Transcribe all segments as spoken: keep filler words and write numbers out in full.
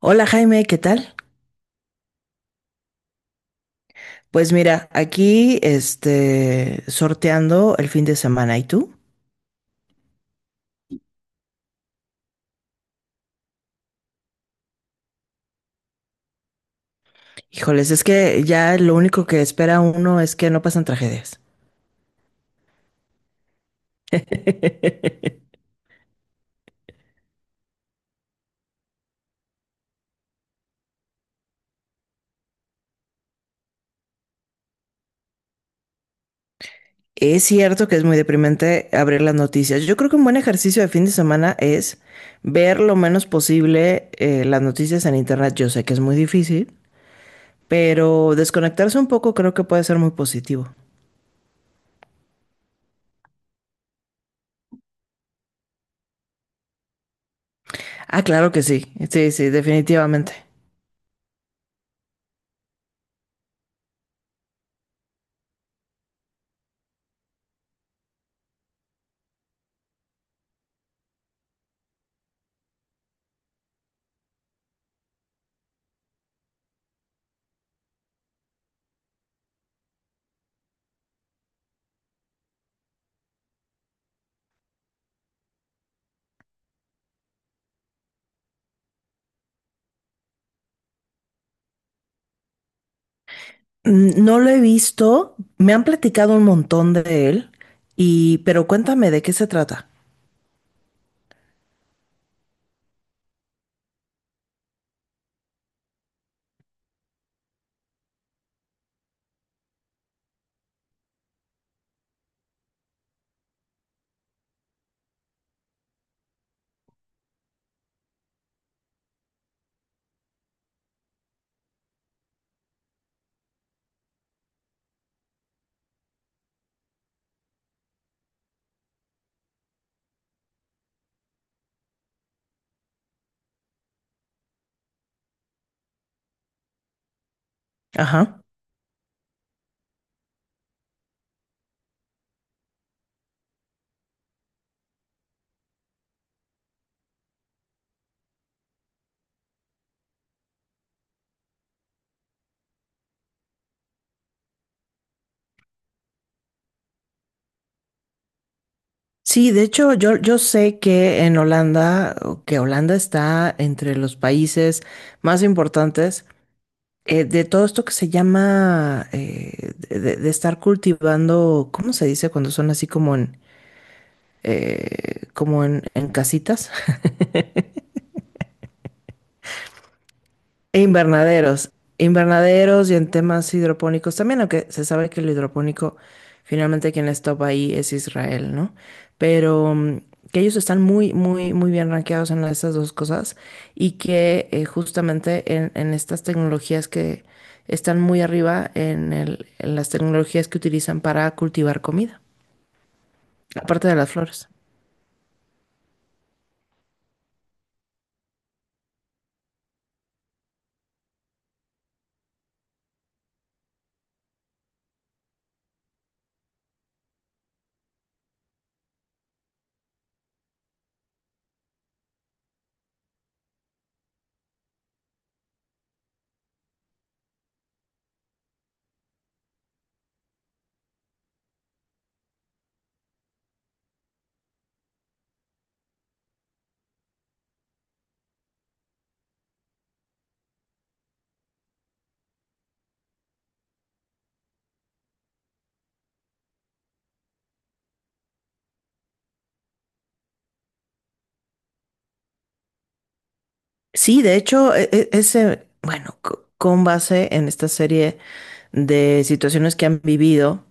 Hola, Jaime, ¿qué tal? Pues mira, aquí este sorteando el fin de semana. ¿Y tú? Híjoles, es que ya lo único que espera uno es que no pasan tragedias. Es cierto que es muy deprimente abrir las noticias. Yo creo que un buen ejercicio de fin de semana es ver lo menos posible eh, las noticias en internet. Yo sé que es muy difícil, pero desconectarse un poco creo que puede ser muy positivo. Ah, claro que sí. Sí, sí, definitivamente. Mm, No lo he visto, me han platicado un montón de él, y pero cuéntame de qué se trata. Ajá. Sí, de hecho, yo, yo sé que en Holanda, o que Holanda está entre los países más importantes eh, de todo esto que se llama eh, de, de- de estar cultivando, ¿cómo se dice cuando son así como en eh, como en, en casitas? Invernaderos, invernaderos y en temas hidropónicos también, aunque se sabe que el hidropónico finalmente quien les topa ahí es Israel, ¿no? Pero mm, que ellos están muy, muy, muy bien rankeados en estas dos cosas y que eh, justamente en, en estas tecnologías que están muy arriba en el- en las tecnologías que utilizan para cultivar comida, aparte de las flores. Sí, de hecho, e- e- ese, bueno, co- con base en esta serie de situaciones que han vivido,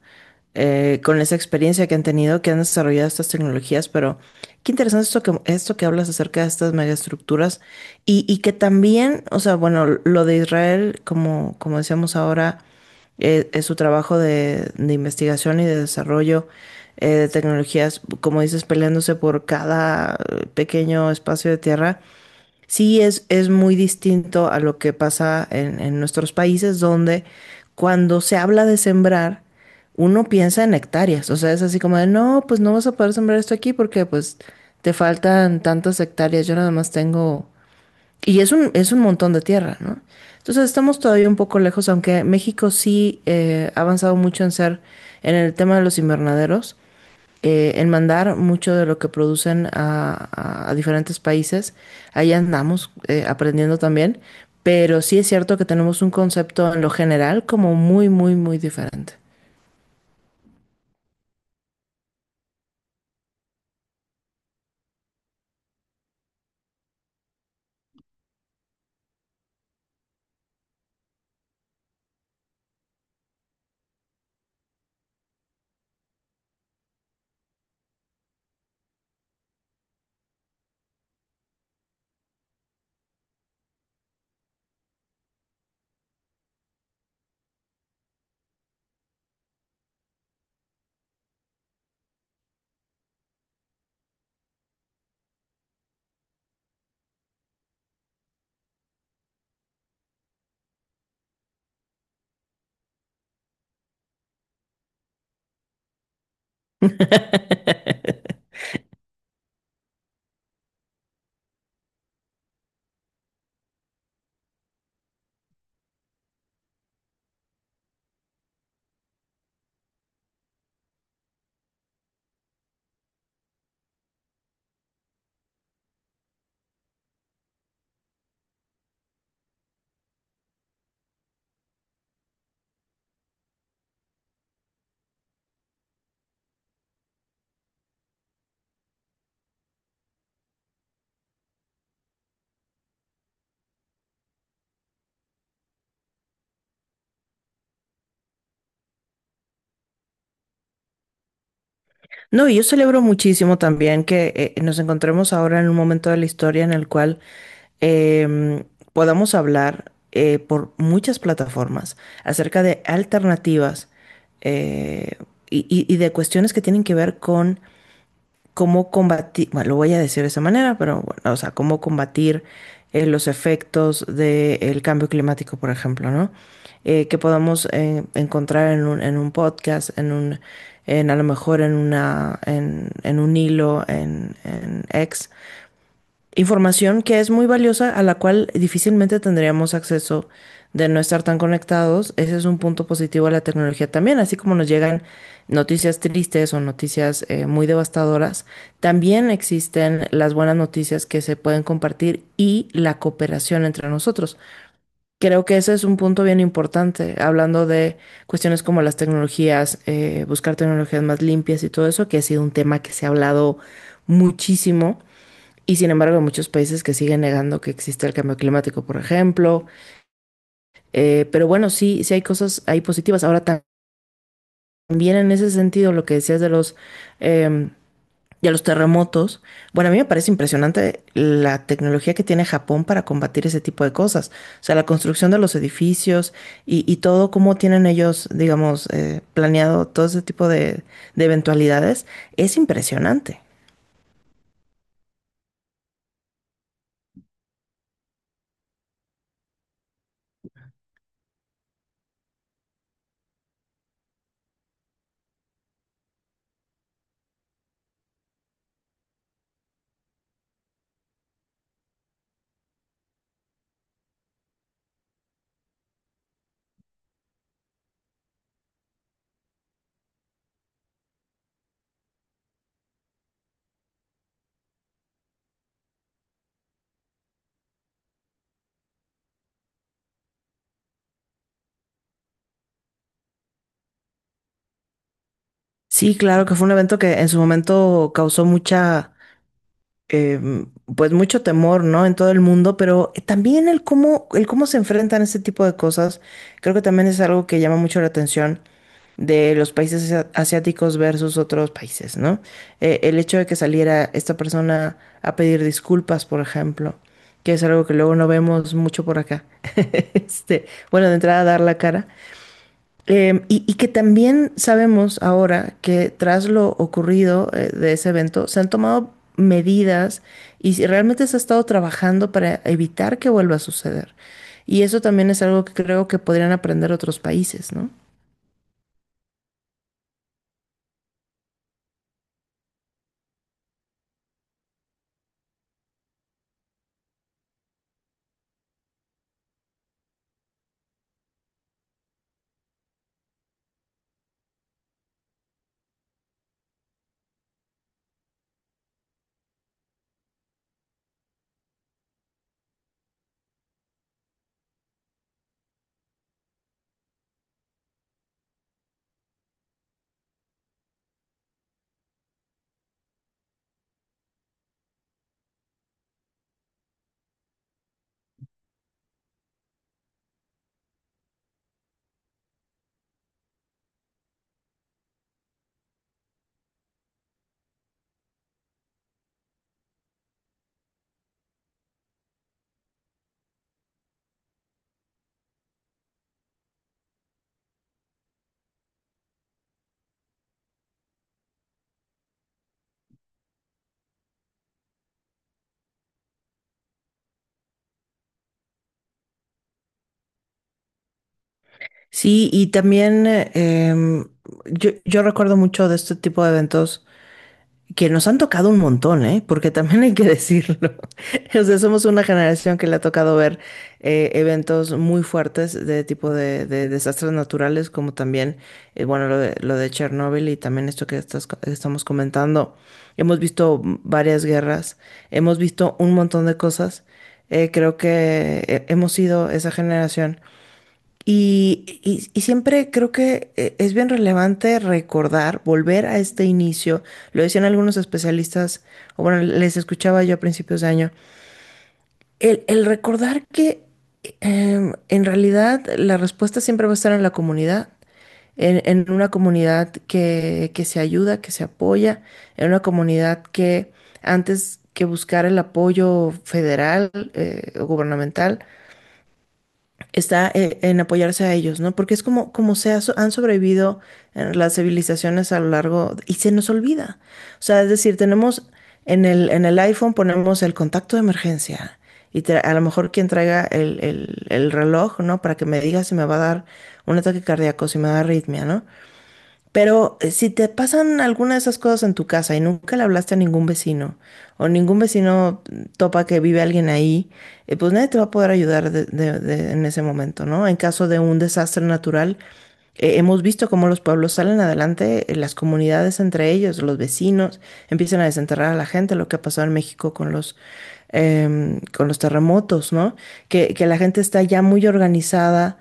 eh, con esa experiencia que han tenido, que han desarrollado estas tecnologías, pero qué interesante esto que, esto que hablas acerca de estas megaestructuras y, y que también, o sea, bueno, lo de Israel, como, como decíamos ahora, eh, es su trabajo de, de investigación y de desarrollo eh, de tecnologías, como dices, peleándose por cada eh, pequeño espacio de tierra. Sí, es, es muy distinto a lo que pasa en, en nuestros países donde cuando se habla de sembrar, uno piensa en hectáreas. O sea, es así como de, no, pues no vas a poder sembrar esto aquí porque pues te faltan tantas hectáreas. Yo nada más tengo. Y es un, es un montón de tierra, ¿no? Entonces estamos todavía un poco lejos, aunque México sí eh, ha avanzado mucho en ser, en el tema de los invernaderos eh, en mandar mucho de lo que producen a, a- a diferentes países. Ahí andamos eh, aprendiendo también, pero sí es cierto que tenemos un concepto en lo general como muy, muy, muy diferente. No, y yo celebro muchísimo también que eh, nos encontremos ahora en un momento de la historia en el cual em, podamos hablar eh, por muchas plataformas acerca de alternativas eh, y, y- y de cuestiones que tienen que ver con cómo combatir, bueno, lo voy a decir de esa manera, pero bueno, o sea, cómo combatir eh, los efectos del cambio climático, por ejemplo, ¿no? Eh, que podamos eh, encontrar en un, en un podcast, en un, en a lo mejor en una, en, en un hilo, en, en X, información que es muy valiosa, a la cual difícilmente tendríamos acceso de no estar tan conectados. Ese es un punto positivo de la tecnología también, así como nos llegan noticias tristes o noticias eh, muy devastadoras, también existen las buenas noticias que se pueden compartir y la cooperación entre nosotros. Creo que ese es un punto bien importante, hablando de cuestiones como las tecnologías, eh, buscar tecnologías más limpias y todo eso, que ha sido un tema que se ha hablado muchísimo y sin embargo, hay muchos países que siguen negando que existe el cambio climático, por ejemplo. Eh, pero bueno, sí, sí hay cosas, hay positivas. Ahora también en ese sentido, lo que decías de los, eh, de los terremotos, bueno, a mí me parece impresionante la tecnología que tiene Japón para combatir ese tipo de cosas. O sea, la construcción de los edificios y, y todo, cómo tienen ellos, digamos, eh, planeado todo ese tipo de, de eventualidades, es impresionante. Sí, claro que fue un evento que en su momento causó mucha em, pues mucho temor, ¿no? En todo el mundo, pero también el cómo, el cómo se enfrentan este tipo de cosas, creo que también es algo que llama mucho la atención de los países asia- asiáticos versus otros países, ¿no? Eh, el hecho de que saliera esta persona a pedir disculpas, por ejemplo, que es algo que luego no vemos mucho por acá. Este, bueno, de entrada dar la cara, eh, y, y que también sabemos ahora que tras lo ocurrido eh, de ese evento se han tomado medidas y si realmente se ha estado trabajando para evitar que vuelva a suceder. Y eso también es algo que creo que podrían aprender otros países, ¿no? Sí, y también eh, em, yo, yo recuerdo mucho de este tipo de eventos Que nos han tocado un montón, ¿eh? Porque también hay que decirlo. O sea, somos una generación que le ha tocado ver eh, eventos muy fuertes de tipo de, de desastres naturales, como también, eh, bueno, lo de, lo de Chernóbil y también esto que estás co- estamos comentando. Hemos visto varias guerras, hemos visto un montón de cosas. Eh, creo que eh, hemos sido esa generación y, y- y siempre creo que eh, es bien relevante recordar, volver a este inicio, lo decían algunos especialistas, o bueno, les escuchaba yo a principios de año, el, el recordar que em, en realidad la respuesta siempre va a estar en la comunidad, en, en una comunidad que, que se ayuda, que se apoya, en una comunidad que antes que buscar el apoyo federal eh, o gubernamental, está eh, en apoyarse a ellos, ¿no? Porque es como, como se ha so- han sobrevivido eh, las civilizaciones a lo largo y se nos olvida. O sea, es decir, tenemos en el, en el iPhone ponemos el contacto de emergencia y tra- a lo mejor quien traiga el, el, el reloj, ¿no? Para que me diga si me va a dar un ataque cardíaco, si me da arritmia, ¿no? Pero eh, si te pasan alguna de esas cosas en tu casa y nunca le hablaste a ningún vecino o ningún vecino topa que vive alguien ahí, eh, pues nadie te va a poder ayudar de- de- de- en ese momento, ¿no? En caso de un desastre natural, eh, hemos visto cómo los pueblos salen adelante, eh, las comunidades entre ellos, los vecinos, empiezan a desenterrar a la gente, lo que ha pasado en México con los, em, con los terremotos, ¿no? Que, que la gente está ya muy organizada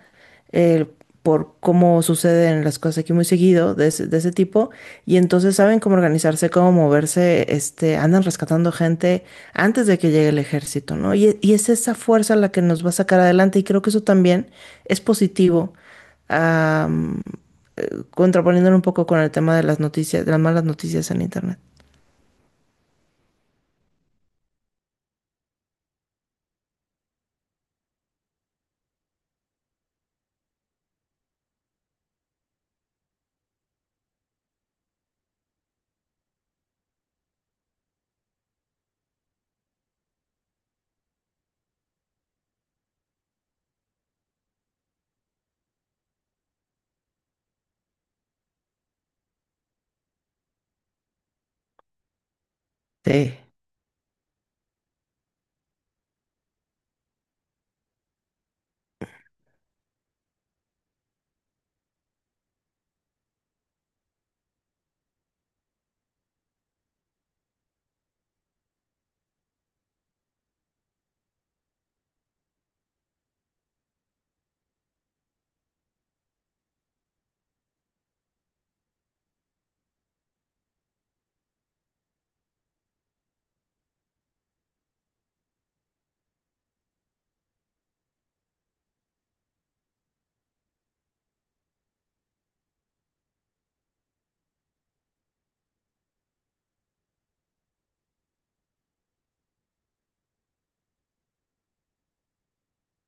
eh, por cómo suceden las cosas aquí muy seguido de ese, de ese tipo y entonces saben cómo organizarse, cómo moverse, este, andan rescatando gente antes de que llegue el ejército, ¿no? Y, y es esa fuerza la que nos va a sacar adelante y creo que eso también es positivo, am, eh, contraponiéndolo un poco con el tema de las noticias, de las malas noticias en internet. Sí.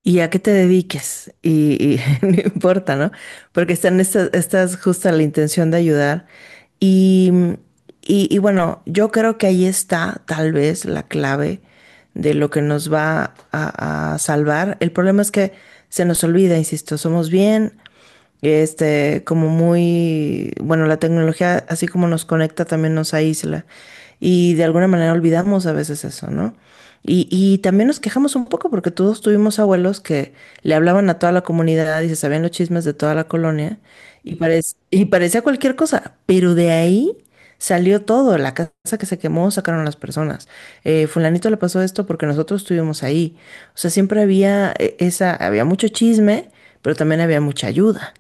Y a qué te dediques, y, y no importa, ¿no? Porque están estas, estas justa la intención de ayudar. Y, y, y bueno, yo creo que ahí está tal vez la clave de lo que nos va a, a salvar. El problema es que se nos olvida, insisto, somos bien, este, como muy, bueno, la tecnología, así como nos conecta, también nos aísla. Y de alguna manera olvidamos a veces eso, ¿no? Y, y también nos quejamos un poco porque todos tuvimos abuelos que le hablaban a toda la comunidad y se sabían los chismes de toda la colonia y, parec- y parecía cualquier cosa, pero de ahí salió todo, la casa que se quemó sacaron a las personas, eh, fulanito le pasó esto porque nosotros estuvimos ahí, o sea, siempre había eh, esa, había mucho chisme, pero también había mucha ayuda.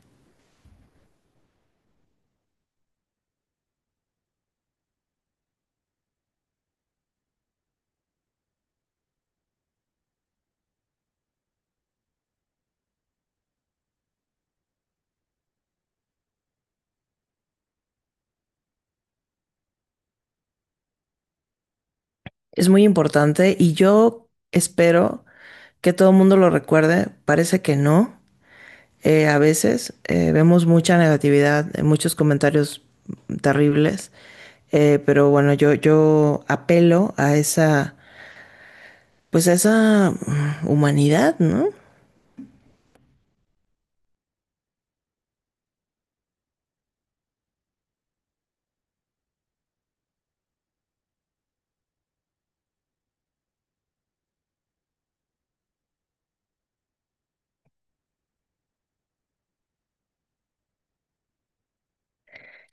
Es muy importante y yo espero que todo el mundo lo recuerde, parece que no. Eh, a veces eh, vemos mucha negatividad, eh, muchos comentarios terribles, eh, pero bueno, yo, yo apelo a esa, pues a esa mm, humanidad, ¿no?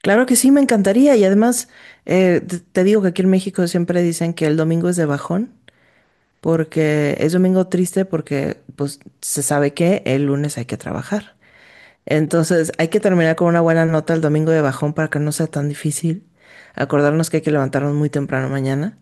Claro que sí, me encantaría y además eh, te te digo que aquí en México siempre dicen que el domingo es de bajón, porque es domingo triste porque pues se sabe que el lunes hay que trabajar. Entonces, hay que terminar con una buena nota el domingo de bajón para que no sea tan difícil. Acordarnos que hay que levantarnos muy temprano mañana.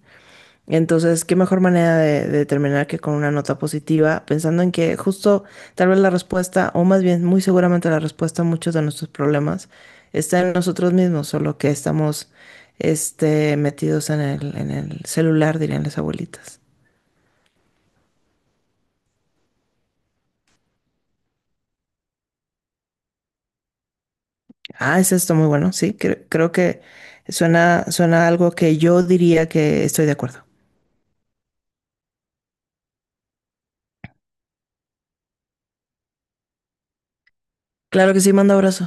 Entonces, qué mejor manera de, de terminar que con una nota positiva, pensando en que justo tal vez la respuesta, o más bien muy seguramente la respuesta a muchos de nuestros problemas está en nosotros mismos, solo que estamos este, metidos en el, en el celular, dirían las abuelitas. Ah, es esto muy bueno, sí, cre- creo que suena, suena algo que yo diría que estoy de acuerdo. Claro que sí, manda abrazo.